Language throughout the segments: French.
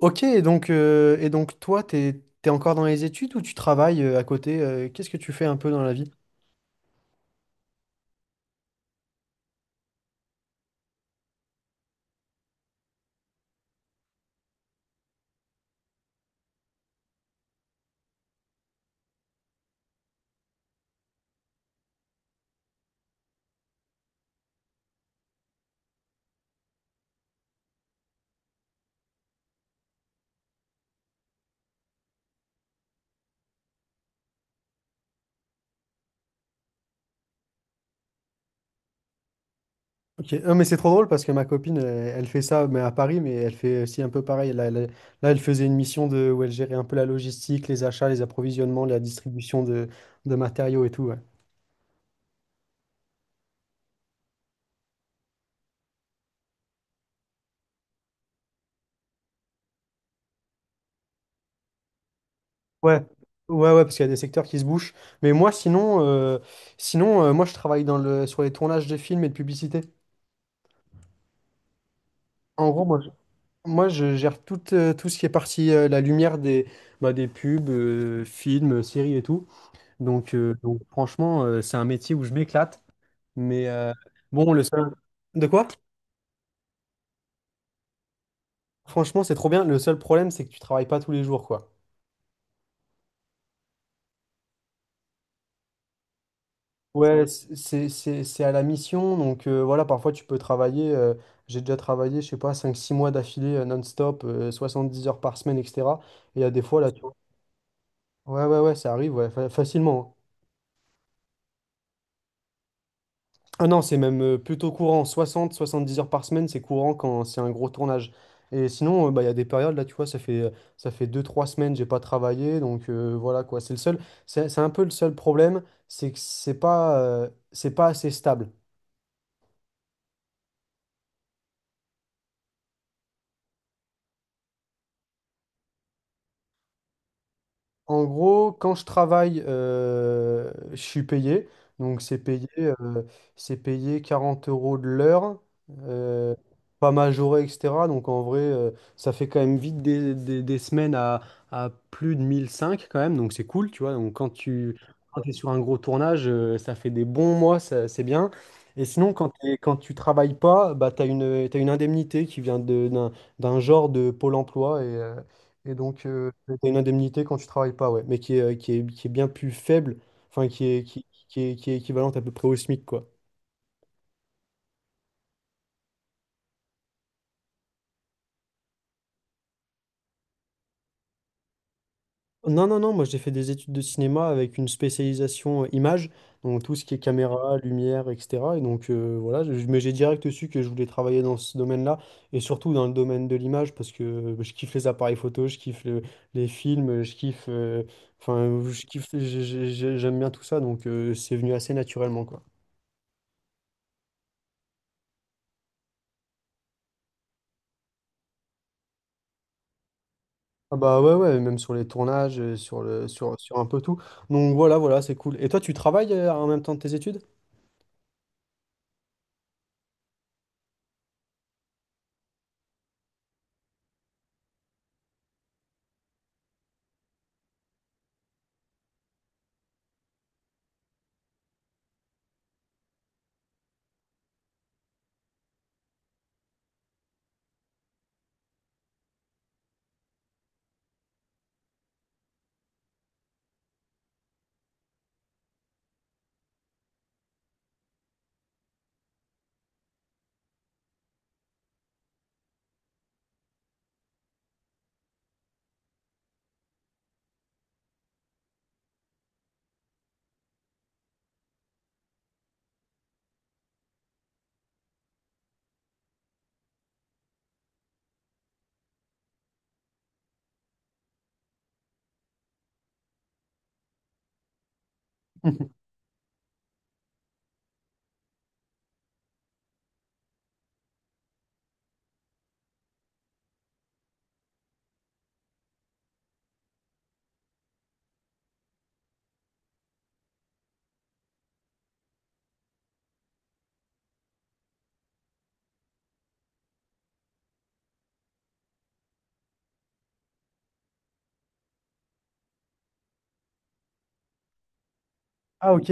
Ok, et donc toi, t'es encore dans les études ou tu travailles à côté? Qu'est-ce que tu fais un peu dans la vie? Ok, non, mais c'est trop drôle parce que ma copine, elle, elle fait ça mais à Paris, mais elle fait aussi un peu pareil. Là, elle faisait une mission de, où elle gérait un peu la logistique, les achats, les approvisionnements, la distribution de matériaux et tout. Ouais. Ouais, ouais, parce qu'il y a des secteurs qui se bouchent. Mais moi, sinon, moi, je travaille dans le, sur les tournages de films et de publicités. En gros, moi, Moi, je gère tout, tout ce qui est partie la lumière des, bah, des pubs, films, séries et tout. Donc franchement, c'est un métier où je m'éclate. Mais bon, le seul... De quoi? Franchement, c'est trop bien. Le seul problème, c'est que tu travailles pas tous les jours, quoi. Ouais, c'est à la mission. Donc voilà, parfois, tu peux travailler. J'ai déjà travaillé, je sais pas, 5 6 mois d'affilée non-stop, 10 heures par semaine, etc. Et il y a des fois, là, tu vois. Ouais, ouais, ouais, ça arrive, ouais, facilement, hein. Ah non, c'est même plutôt courant. 60-70 heures par semaine, c'est courant quand c'est un gros tournage. Et sinon, bah, il y a des périodes, là, tu vois, ça fait 2 3 semaines, j'ai pas travaillé. Donc voilà, quoi. C'est un peu le seul problème, c'est que c'est pas assez stable. En gros, quand je travaille, je suis payé. Donc, c'est payé, euh, c'est payé 40 € de l'heure, euh, pas majoré, etc. Donc, en vrai, ça fait quand même vite des semaines à plus de 1005 quand même. Donc, c'est cool, tu vois. Donc, quand tu es sur un gros tournage, ça fait des bons mois, c'est bien. Et sinon, quand, quand tu travailles pas, bah, t'as une indemnité qui vient d'un d'un genre de Pôle emploi. Et donc, t'as une indemnité quand tu travailles pas, ouais, mais qui est bien plus faible, enfin, qui est équivalente à peu près au SMIC, quoi. Non, non, non, moi j'ai fait des études de cinéma avec une spécialisation image, donc tout ce qui est caméra, lumière, etc. Et donc voilà, mais j'ai direct su que je voulais travailler dans ce domaine-là, et surtout dans le domaine de l'image, parce que je kiffe les appareils photo, je kiffe les films, je kiffe, je kiffe, j'aime bien tout ça, donc c'est venu assez naturellement, quoi. Ah bah ouais, ouais, même sur les tournages, sur un peu tout. Donc voilà, c'est cool. Et toi, tu travailles en même temps de tes études? Ah ok.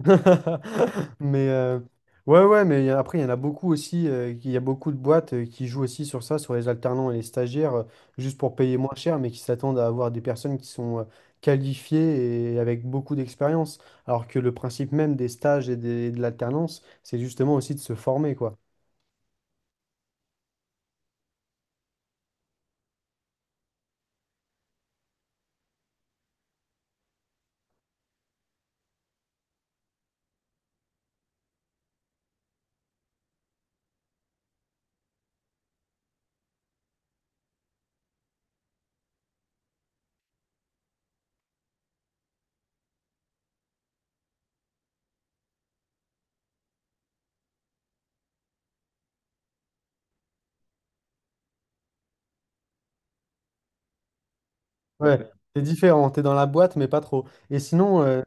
Mais euh, ouais, ouais, mais après, il y en a beaucoup aussi, il y a beaucoup de boîtes qui jouent aussi sur ça, sur les alternants et les stagiaires, juste pour payer moins cher, mais qui s'attendent à avoir des personnes qui sont qualifiées et avec beaucoup d'expérience. Alors que le principe même des stages et de l'alternance, c'est justement aussi de se former, quoi. Ouais, c'est différent, t'es dans la boîte, mais pas trop. Et sinon, ouais,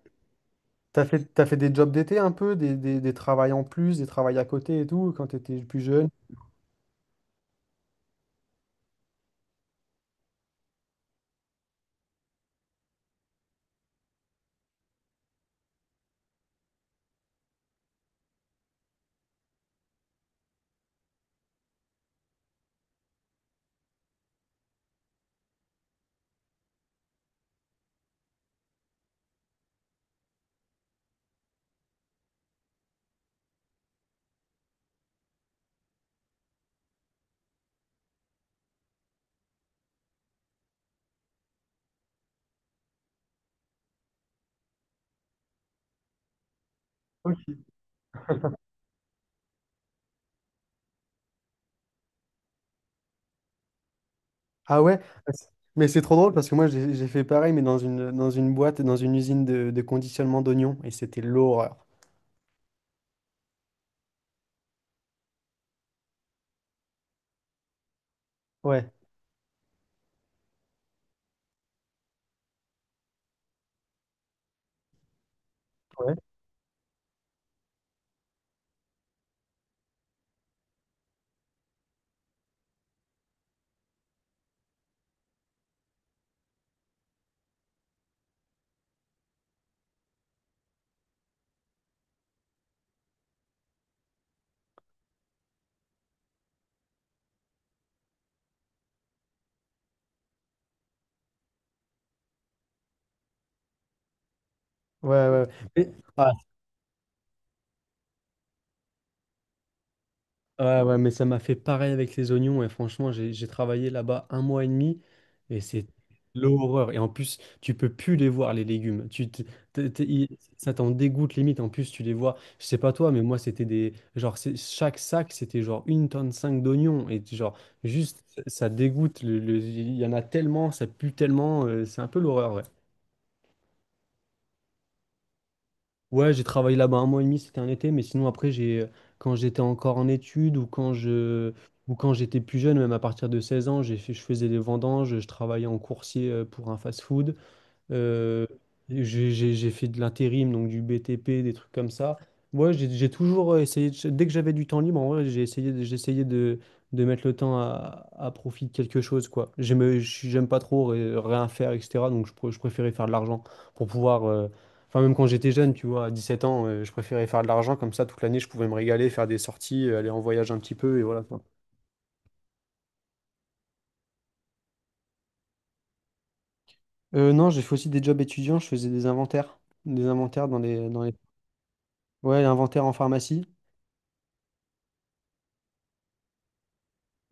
t'as fait des jobs d'été un peu, des travails en plus, des travails à côté et tout, quand t'étais plus jeune. Ok. Ah ouais? Mais c'est trop drôle parce que moi, j'ai fait pareil, mais dans une boîte, dans une usine de conditionnement d'oignons, et c'était l'horreur. Ouais. Ouais, ouais, ouais. Mais- ah, Ouais, ouais, mais ça m'a fait pareil avec les oignons. Et franchement, j'ai travaillé là-bas un mois et demi et c'est l'horreur. Et en plus, tu peux plus les voir, les légumes. Tu, te- te- te- i- Ça t'en dégoûte limite. En plus, tu les vois. Je sais pas toi, mais moi, c'était des. Genre, chaque sac, c'était genre une tonne cinq d'oignons. Et genre, juste, ça dégoûte. Il y en a tellement, ça pue tellement. C'est un peu l'horreur, ouais. Ouais, j'ai travaillé là-bas un mois et demi, c'était un été, mais sinon après, quand j'étais encore en études ou quand j'étais plus jeune, même à partir de 16 ans, je faisais des vendanges, je travaillais en coursier pour un fast-food. Euh, j'ai fait de l'intérim, donc du BTP, des trucs comme ça. Moi, j'ai toujours essayé, dès que j'avais du temps libre, en vrai, j'ai essayé de mettre le temps à profit de quelque chose, quoi. J'aime pas trop rien faire, etc. Donc, je préférais faire de l'argent pour pouvoir. Enfin, même quand j'étais jeune, tu vois, à 17 ans, je préférais faire de l'argent, comme ça, toute l'année, je pouvais me régaler, faire des sorties, aller en voyage un petit peu, et voilà, quoi. Non, j'ai fait aussi des jobs étudiants, je faisais des inventaires. Des inventaires dans dans les... Ouais, inventaire en pharmacie.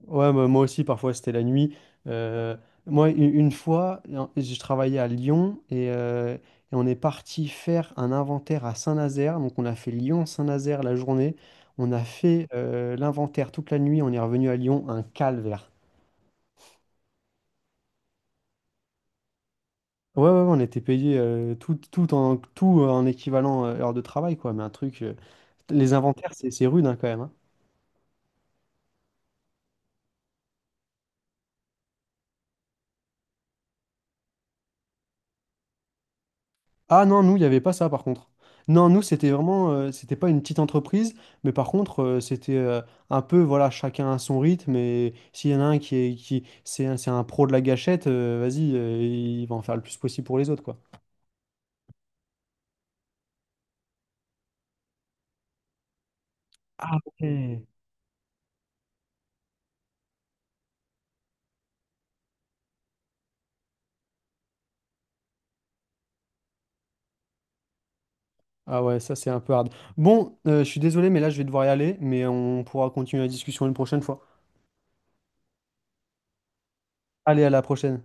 Ouais, bah, moi aussi, parfois, c'était la nuit. Euh, moi, une fois, je travaillais à Lyon et on est parti faire un inventaire à Saint-Nazaire. Donc, on a fait Lyon-Saint-Nazaire la journée. On a fait l'inventaire toute la nuit. On est revenu à Lyon, un calvaire. Ouais, ouais, ouais, on était payé tout, tout en équivalent heure de travail, quoi. Mais un truc. Les inventaires, c'est rude, hein, quand même, hein. Ah non, nous, il n'y avait pas ça par contre. Non, nous, c'était vraiment, c'était pas une petite entreprise, mais par contre, c'était un peu, voilà, chacun à son rythme, et s'il y en a un c'est un, c'est un pro de la gâchette, vas-y, il va en faire le plus possible pour les autres, quoi. Ah ouais. Ah ouais, ça, c'est un peu hard. Bon, je suis désolé, mais là, je vais devoir y aller, mais on pourra continuer la discussion une prochaine fois. Allez, à la prochaine.